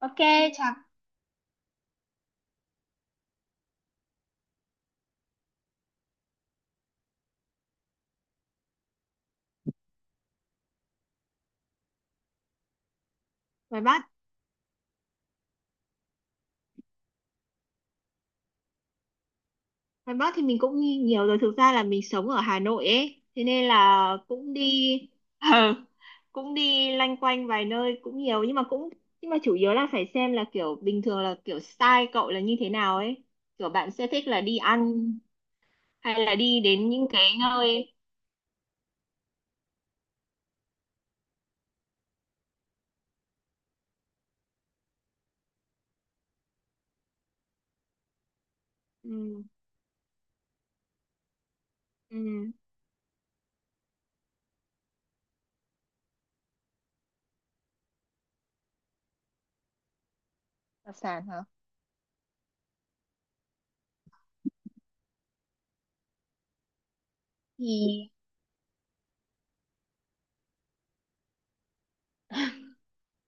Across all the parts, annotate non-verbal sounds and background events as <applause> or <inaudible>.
Ok, chào. Ngoài Bắc ngoài Bắc thì mình cũng đi nhiều rồi, thực ra là mình sống ở Hà Nội ấy, thế nên là cũng đi <laughs> ờ, cũng đi loanh quanh vài nơi cũng nhiều, nhưng mà cũng nhưng mà chủ yếu là phải xem là kiểu bình thường là kiểu style cậu là như thế nào ấy, kiểu bạn sẽ thích là đi ăn hay là đi đến những cái nơi. Ừ, ừ. Đặc sản hả? Thì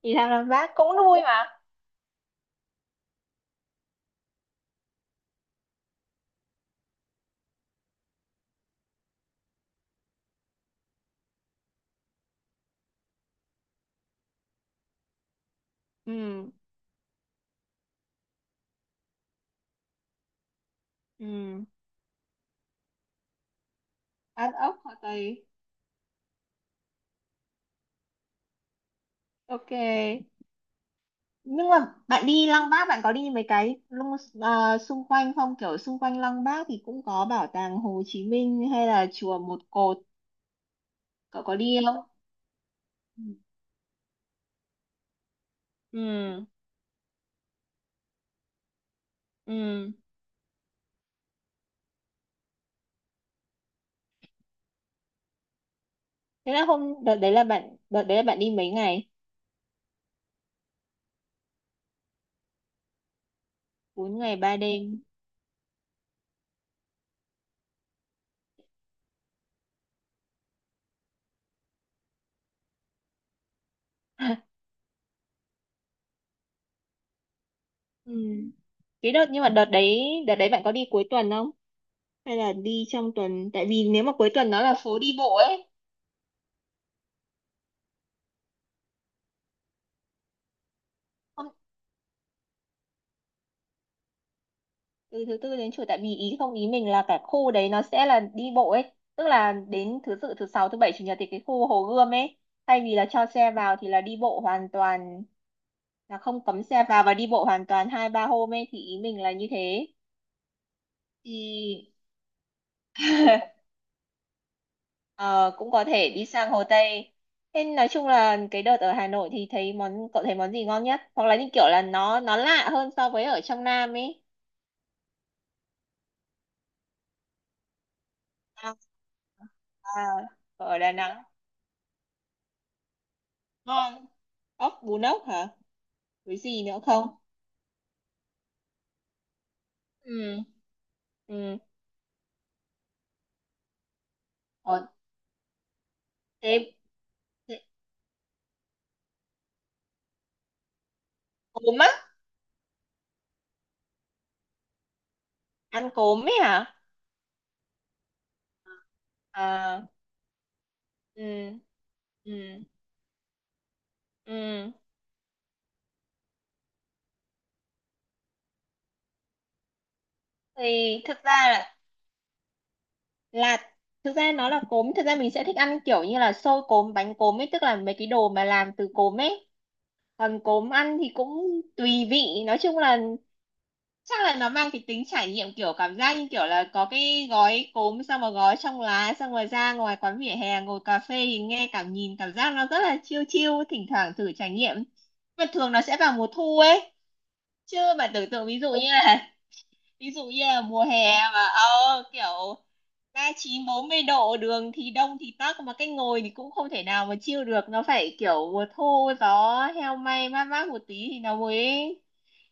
thằng Nam Bác cũng vui mà. Ừ, ừ. Ăn ốc hoặc tây. Ok. Nhưng mà bạn đi Lăng Bác, bạn có đi mấy cái à, xung quanh không? Kiểu xung quanh Lăng Bác thì cũng có bảo tàng Hồ Chí Minh hay là chùa Một Cột, cậu có đi không? Ừ. Ừ. Thế là hôm đợt đấy là bạn đi mấy ngày? 4 ngày 3 đêm. <laughs> Ừ. Cái đợt, nhưng mà đợt đấy bạn có đi cuối tuần không hay là đi trong tuần? Tại vì nếu mà cuối tuần nó là phố đi bộ ấy. Hôm từ thứ tư đến chủ, tại vì ý không, ý mình là cả khu đấy nó sẽ là đi bộ ấy, tức là đến thứ tự thứ sáu, thứ bảy, chủ nhật thì cái khu Hồ Gươm ấy, thay vì là cho xe vào thì là đi bộ hoàn toàn. Là không cấm xe vào và đi bộ hoàn toàn hai ba hôm ấy, thì ý mình là như thế. Thì <laughs> ờ, cũng có thể đi sang Hồ Tây. Nên nói chung là cái đợt ở Hà Nội thì thấy món, cậu thấy món gì ngon nhất hoặc là như kiểu là nó lạ hơn so với ở trong Nam ấy? À, à, ở Đà Nẵng. Ngon. Ốc, bún ốc hả? Với gì nữa không? Ừ. Ừ. ờ, Thế, thế. Cốm á? Ăn cốm ấy hả? À. Ừ. Ừ. Ừ. thì thực ra là, là Thực ra nó là cốm, thực ra mình sẽ thích ăn kiểu như là xôi cốm, bánh cốm ấy, tức là mấy cái đồ mà làm từ cốm ấy. Còn cốm ăn thì cũng tùy vị. Nói chung là chắc là nó mang cái tính trải nghiệm, kiểu cảm giác như kiểu là có cái gói cốm xong rồi gói trong lá, xong rồi ra ngoài quán vỉa hè ngồi cà phê thì nghe cảm, nhìn cảm giác nó rất là chill chill, thỉnh thoảng thử trải nghiệm. Mà thường nó sẽ vào mùa thu ấy, chứ bạn tưởng tượng ví dụ như là mùa hè mà kiểu 39 40 độ, đường thì đông thì tắc, mà cái ngồi thì cũng không thể nào mà chill được. Nó phải kiểu mùa thu, gió heo may, mát mát một tí thì nó mới.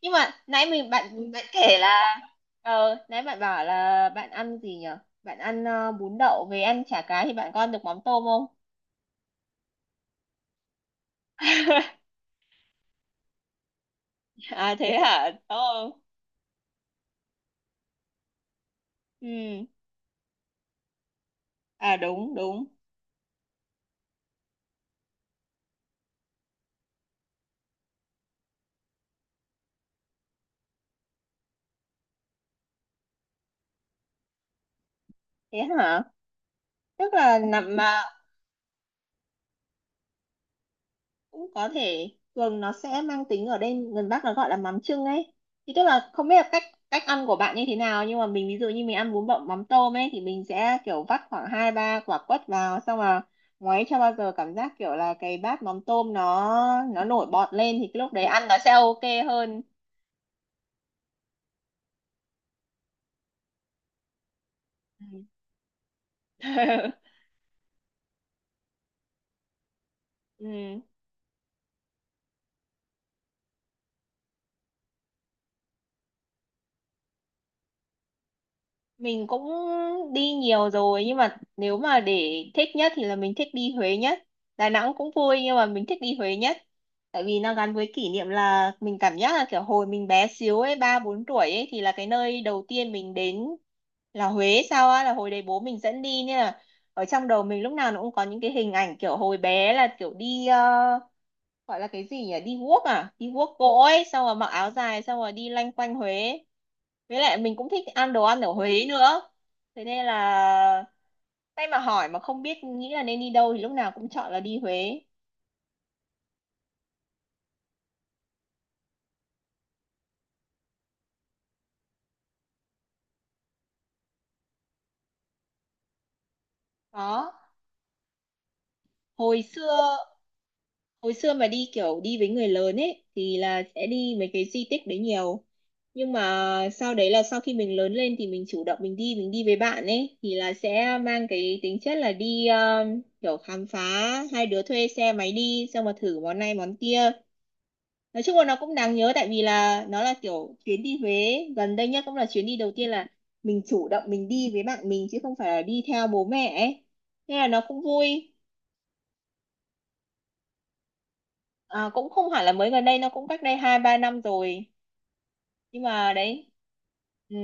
Nhưng mà nãy mình, bạn bạn kể là nãy bạn bảo là bạn ăn gì nhở, bạn ăn bún đậu, về ăn chả cá thì bạn con được mắm tôm không? <laughs> À thế hả? Đúng không? Ừ. À đúng đúng. Thế hả? Tức là nằm mà, cũng có thể thường nó sẽ mang tính ở đây gần Bắc, nó gọi là mắm chưng ấy. Thì tức là không biết là cách cách ăn của bạn như thế nào, nhưng mà mình ví dụ như mình ăn bún bò mắm tôm ấy thì mình sẽ kiểu vắt khoảng 2 3 quả quất vào, xong là ngoáy cho bao giờ cảm giác kiểu là cái bát mắm tôm nó nổi bọt lên thì cái lúc đấy ăn nó sẽ ok hơn. Ừ. <laughs> Ừ. Mình cũng đi nhiều rồi, nhưng mà nếu mà để thích nhất thì là mình thích đi Huế nhất. Đà Nẵng cũng vui nhưng mà mình thích đi Huế nhất. Tại vì nó gắn với kỷ niệm, là mình cảm giác là kiểu hồi mình bé xíu ấy, 3 4 tuổi ấy, thì là cái nơi đầu tiên mình đến là Huế sao á, là hồi đấy bố mình dẫn đi nên là ở trong đầu mình lúc nào nó cũng có những cái hình ảnh kiểu hồi bé là kiểu đi gọi là cái gì nhỉ, đi guốc à, đi guốc gỗ ấy, xong rồi mặc áo dài, xong rồi đi lanh quanh Huế. Với lại mình cũng thích ăn đồ ăn ở Huế nữa, thế nên là tay mà hỏi mà không biết nghĩ là nên đi đâu thì lúc nào cũng chọn là đi Huế. Đó. Hồi xưa hồi xưa mà đi kiểu đi với người lớn ấy thì là sẽ đi mấy cái di tích đấy nhiều, nhưng mà sau đấy là sau khi mình lớn lên thì mình chủ động, mình đi với bạn ấy thì là sẽ mang cái tính chất là đi kiểu khám phá, hai đứa thuê xe máy đi, xong mà thử món này món kia. Nói chung là nó cũng đáng nhớ, tại vì là nó là kiểu chuyến đi Huế gần đây nhất cũng là chuyến đi đầu tiên là mình chủ động mình đi với bạn mình, chứ không phải là đi theo bố mẹ ấy, nên là nó cũng vui. À, cũng không hẳn là mới gần đây, nó cũng cách đây 2 3 năm rồi, nhưng mà đấy. Ừ.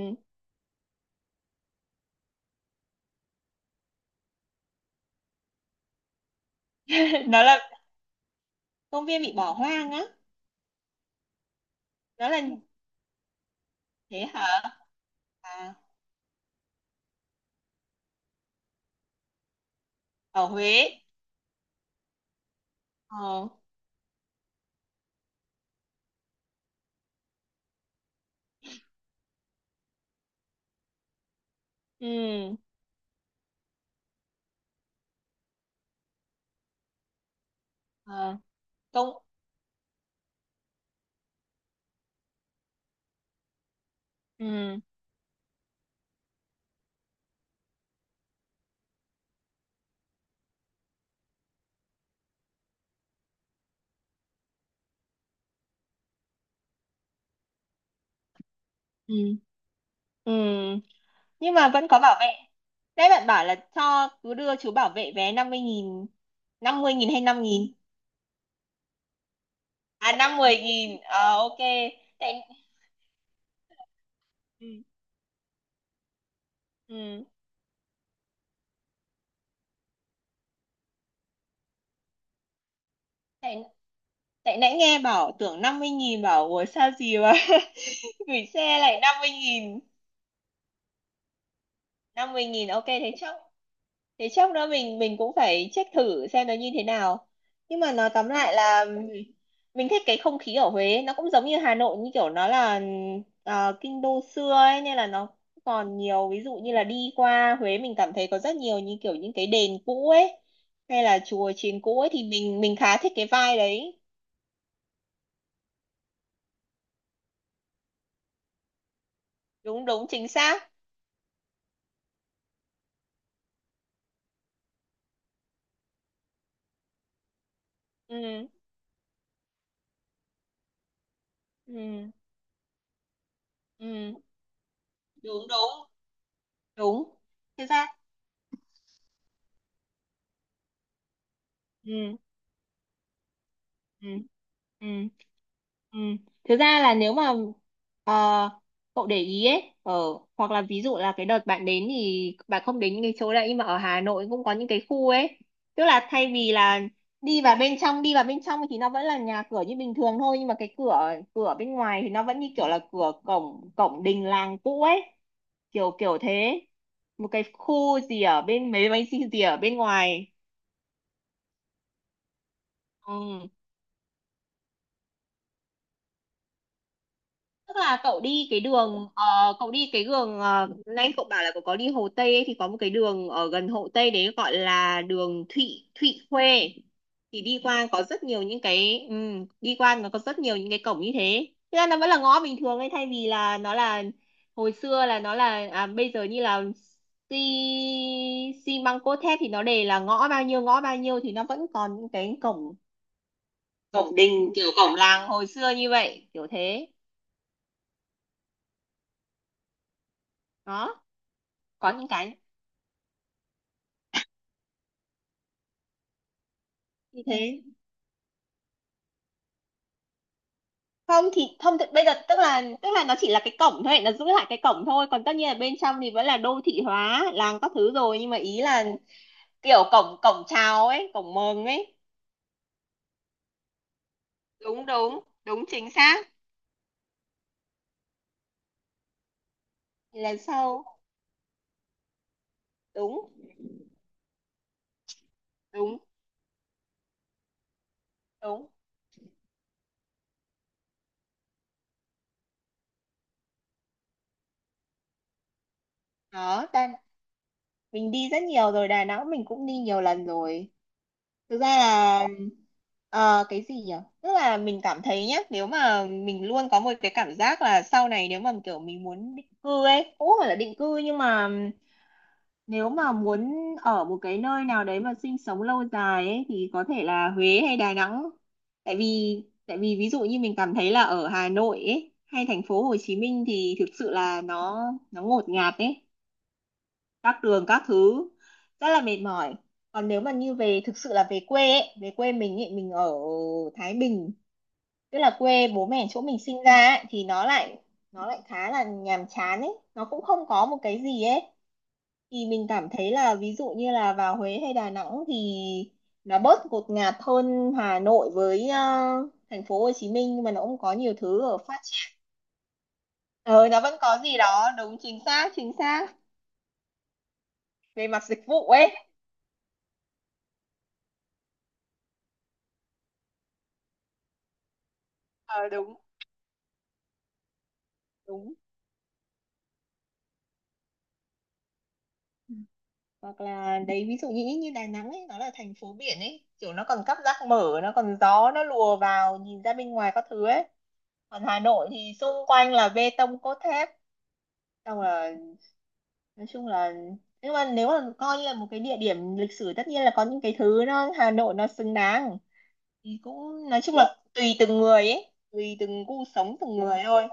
<laughs> Nó là công viên bị bỏ hoang á? Nó là. Thế hả? À, ở Huế. Ờ. Ừ. Ờ. Công. Ừ. Ừ. Ừ. Nhưng mà vẫn có bảo vệ đấy, bạn bảo là cho cứ đưa chú bảo vệ vé 50.000. 50.000 hay 5.000? À, 50 nghìn, ờ ok. tại ừ. Ừ. tại Tại nãy nghe bảo tưởng 50.000 bảo ủa sao gì mà <laughs> gửi xe lại 50.000, ok. Thế chốc, thế chốc nữa mình cũng phải check thử xem nó như thế nào. Nhưng mà nói tóm lại là mình thích cái không khí ở Huế, nó cũng giống như Hà Nội, như kiểu nó là kinh đô xưa ấy nên là nó còn nhiều. Ví dụ như là đi qua Huế mình cảm thấy có rất nhiều như kiểu những cái đền cũ ấy hay là chùa chiền cũ ấy, thì mình khá thích cái vibe đấy. Đúng đúng, chính xác. Ừ. Ừ. Ừ. Đúng đúng đúng. Thực ra. Ừ. Ừ. Ừ. Ừ. Thực ra là nếu mà ờ, cậu để ý ấy, ở hoặc là ví dụ là cái đợt bạn đến thì bạn không đến những cái chỗ đấy, nhưng mà ở Hà Nội cũng có những cái khu ấy. Tức là thay vì là đi vào bên trong thì nó vẫn là nhà cửa như bình thường thôi, nhưng mà cái cửa cửa bên ngoài thì nó vẫn như kiểu là cửa cổng, cổng đình làng cũ ấy, kiểu kiểu thế. Một cái khu gì ở bên mấy mấy gì gì ở bên ngoài. Ừ. Tức là cậu đi cái đường nãy cậu bảo là cậu có đi Hồ Tây ấy, thì có một cái đường ở gần Hồ Tây đấy gọi là đường Thụy Thụy Khuê, thì đi qua có rất nhiều những cái đi qua nó có rất nhiều những cái cổng như thế. Thế ra nó vẫn là ngõ bình thường ấy, thay vì là nó là hồi xưa là nó là à, bây giờ như là xi xi măng cốt thép thì nó để là ngõ bao nhiêu, ngõ bao nhiêu, thì nó vẫn còn những cái cổng, cổng đình kiểu cổng làng hồi xưa như vậy, kiểu thế. Đó, có những cái như thế. Không thì không bây giờ tức là nó chỉ là cái cổng thôi, nó giữ lại cái cổng thôi, còn tất nhiên là bên trong thì vẫn là đô thị hóa làng các thứ rồi, nhưng mà ý là kiểu cổng cổng chào ấy, cổng mừng ấy. Đúng đúng đúng, chính xác. Thì là sau. Đúng đúng đúng. Đó ta, mình đi rất nhiều rồi, Đà Nẵng mình cũng đi nhiều lần rồi. Thực ra là cái gì nhỉ, tức là mình cảm thấy nhá, nếu mà mình luôn có một cái cảm giác là sau này nếu mà kiểu mình muốn định cư ấy, cũng không phải là định cư nhưng mà nếu mà muốn ở một cái nơi nào đấy mà sinh sống lâu dài ấy, thì có thể là Huế hay Đà Nẵng. tại vì Tại vì ví dụ như mình cảm thấy là ở Hà Nội ấy hay thành phố Hồ Chí Minh thì thực sự là nó ngột ngạt ấy, các đường các thứ rất là mệt mỏi. Còn nếu mà như về, thực sự là về quê ấy, về quê mình ấy, mình ở Thái Bình, tức là quê bố mẹ chỗ mình sinh ra ấy, thì nó lại khá là nhàm chán ấy, nó cũng không có một cái gì ấy. Thì mình cảm thấy là ví dụ như là vào Huế hay Đà Nẵng thì nó bớt ngột ngạt hơn Hà Nội với, thành phố Hồ Chí Minh, nhưng mà nó cũng có nhiều thứ ở phát triển. Ờ nó vẫn có gì đó, đúng, chính xác chính xác, về mặt dịch vụ ấy. Ờ Đúng, đúng. Hoặc là đấy, ví dụ như như Đà Nẵng ấy, nó là thành phố biển ấy, kiểu nó còn cắp rác mở, nó còn gió, nó lùa vào, nhìn ra bên ngoài các thứ ấy. Còn Hà Nội thì xung quanh là bê tông cốt thép. Xong là, nói chung là, nhưng mà nếu mà coi như là một cái địa điểm lịch sử, tất nhiên là có những cái thứ nó Hà Nội nó xứng đáng. Thì cũng nói chung là tùy từng người ấy, tùy từng gu sống từng người thôi.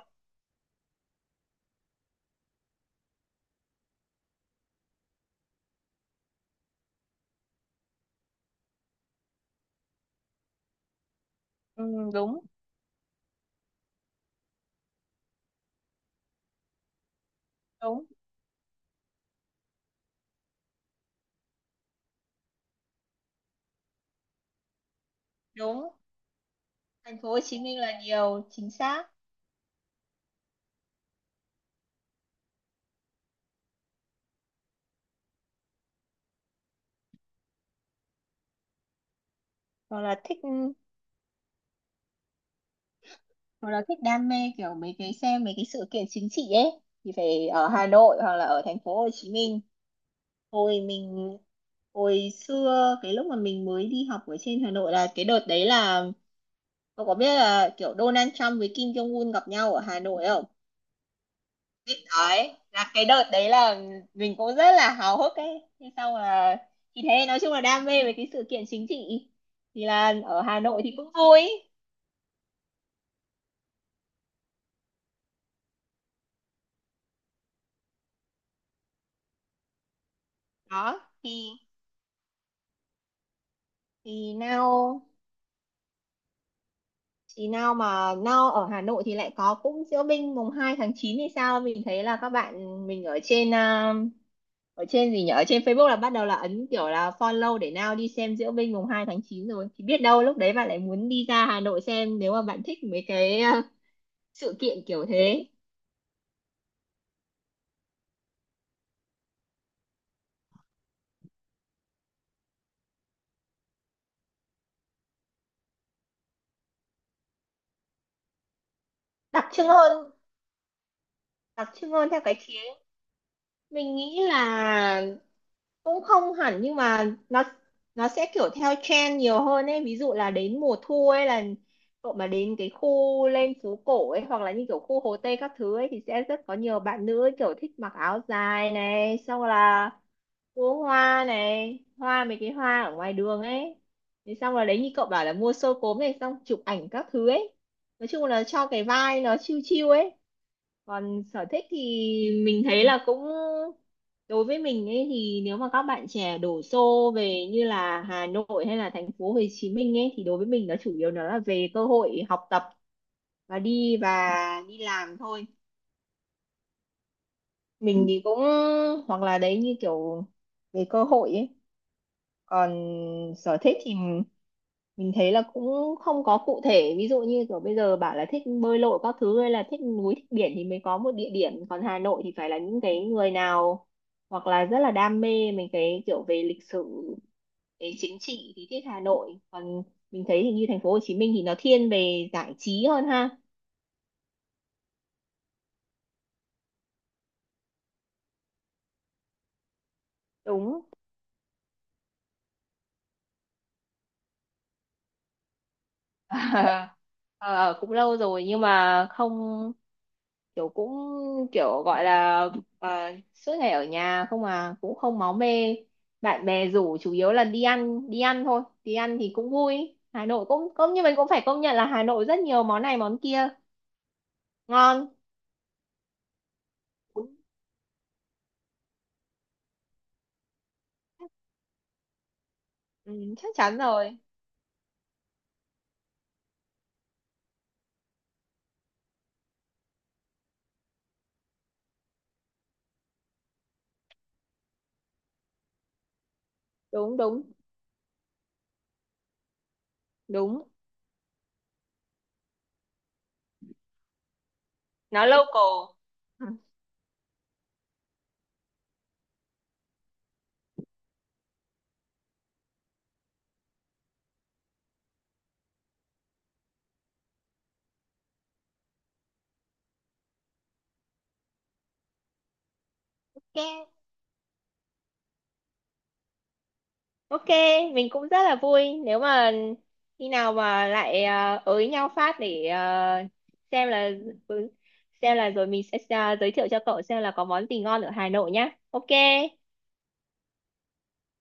Ừ, đúng đúng đúng. Thành phố Hồ Chí Minh là nhiều, chính xác. Hoặc là thích. Hồi đó thích đam mê kiểu mấy cái xem mấy cái sự kiện chính trị ấy thì phải ở Hà Nội hoặc là ở thành phố Hồ Chí Minh. Hồi mình Hồi xưa cái lúc mà mình mới đi học ở trên Hà Nội, là cái đợt đấy là, cậu có biết là kiểu Donald Trump với Kim Jong Un gặp nhau ở Hà Nội không? Biết đấy, là cái đợt đấy là mình cũng rất là háo hức ấy. Thế xong là, thì thế nói chung là đam mê về cái sự kiện chính trị thì là ở Hà Nội thì cũng vui. Đó thì now. Thì nào ở Hà Nội thì lại có cũng diễu binh 2/9 thì sao? Mình thấy là các bạn mình ở trên, ở trên gì nhỉ? Ở trên Facebook là bắt đầu là ấn kiểu là follow để nào đi xem diễu binh 2/9 rồi. Thì biết đâu lúc đấy bạn lại muốn đi ra Hà Nội xem nếu mà bạn thích mấy cái, sự kiện kiểu thế. Đặc trưng hơn, đặc trưng hơn theo cái khía. Mình nghĩ là cũng không hẳn, nhưng mà nó sẽ kiểu theo trend nhiều hơn ấy. Ví dụ là đến mùa thu ấy là cậu mà đến cái khu lên phố cổ ấy, hoặc là như kiểu khu Hồ Tây các thứ ấy, thì sẽ rất có nhiều bạn nữ ấy kiểu thích mặc áo dài này, xong là mua hoa này, hoa mấy cái hoa ở ngoài đường ấy. Thì xong là đấy, như cậu bảo là mua xôi cốm này, xong chụp ảnh các thứ ấy, nói chung là cho cái vai nó chill chill ấy. Còn sở thích thì mình thấy là cũng, đối với mình ấy thì nếu mà các bạn trẻ đổ xô về như là Hà Nội hay là thành phố Hồ Chí Minh ấy, thì đối với mình nó chủ yếu nó là về cơ hội học tập và đi làm thôi. Mình thì cũng, hoặc là đấy như kiểu, về cơ hội ấy. Còn sở thích thì mình thấy là cũng không có cụ thể, ví dụ như kiểu bây giờ bảo là thích bơi lội các thứ hay là thích núi thích biển thì mới có một địa điểm. Còn Hà Nội thì phải là những cái người nào, hoặc là rất là đam mê mình cái kiểu về lịch sử, về chính trị thì thích Hà Nội. Còn mình thấy thì như thành phố Hồ Chí Minh thì nó thiên về giải trí hơn ha. Đúng. <laughs> Ờ, cũng lâu rồi nhưng mà không, kiểu cũng, kiểu gọi là, à, suốt ngày ở nhà không à, cũng không máu mê, bạn bè rủ chủ yếu là đi ăn. Đi ăn thôi, đi ăn thì cũng vui. Hà Nội cũng cũng như mình cũng phải công nhận là Hà Nội rất nhiều món này món kia ngon. Ừ, chắc chắn rồi. Đúng đúng đúng. Nó local. Ừ. Ok. Ok, mình cũng rất là vui nếu mà khi nào mà lại, ới nhau phát để, xem là, ừ, xem là rồi mình sẽ, giới thiệu cho cậu xem là có món gì ngon ở Hà Nội nhá. Ok,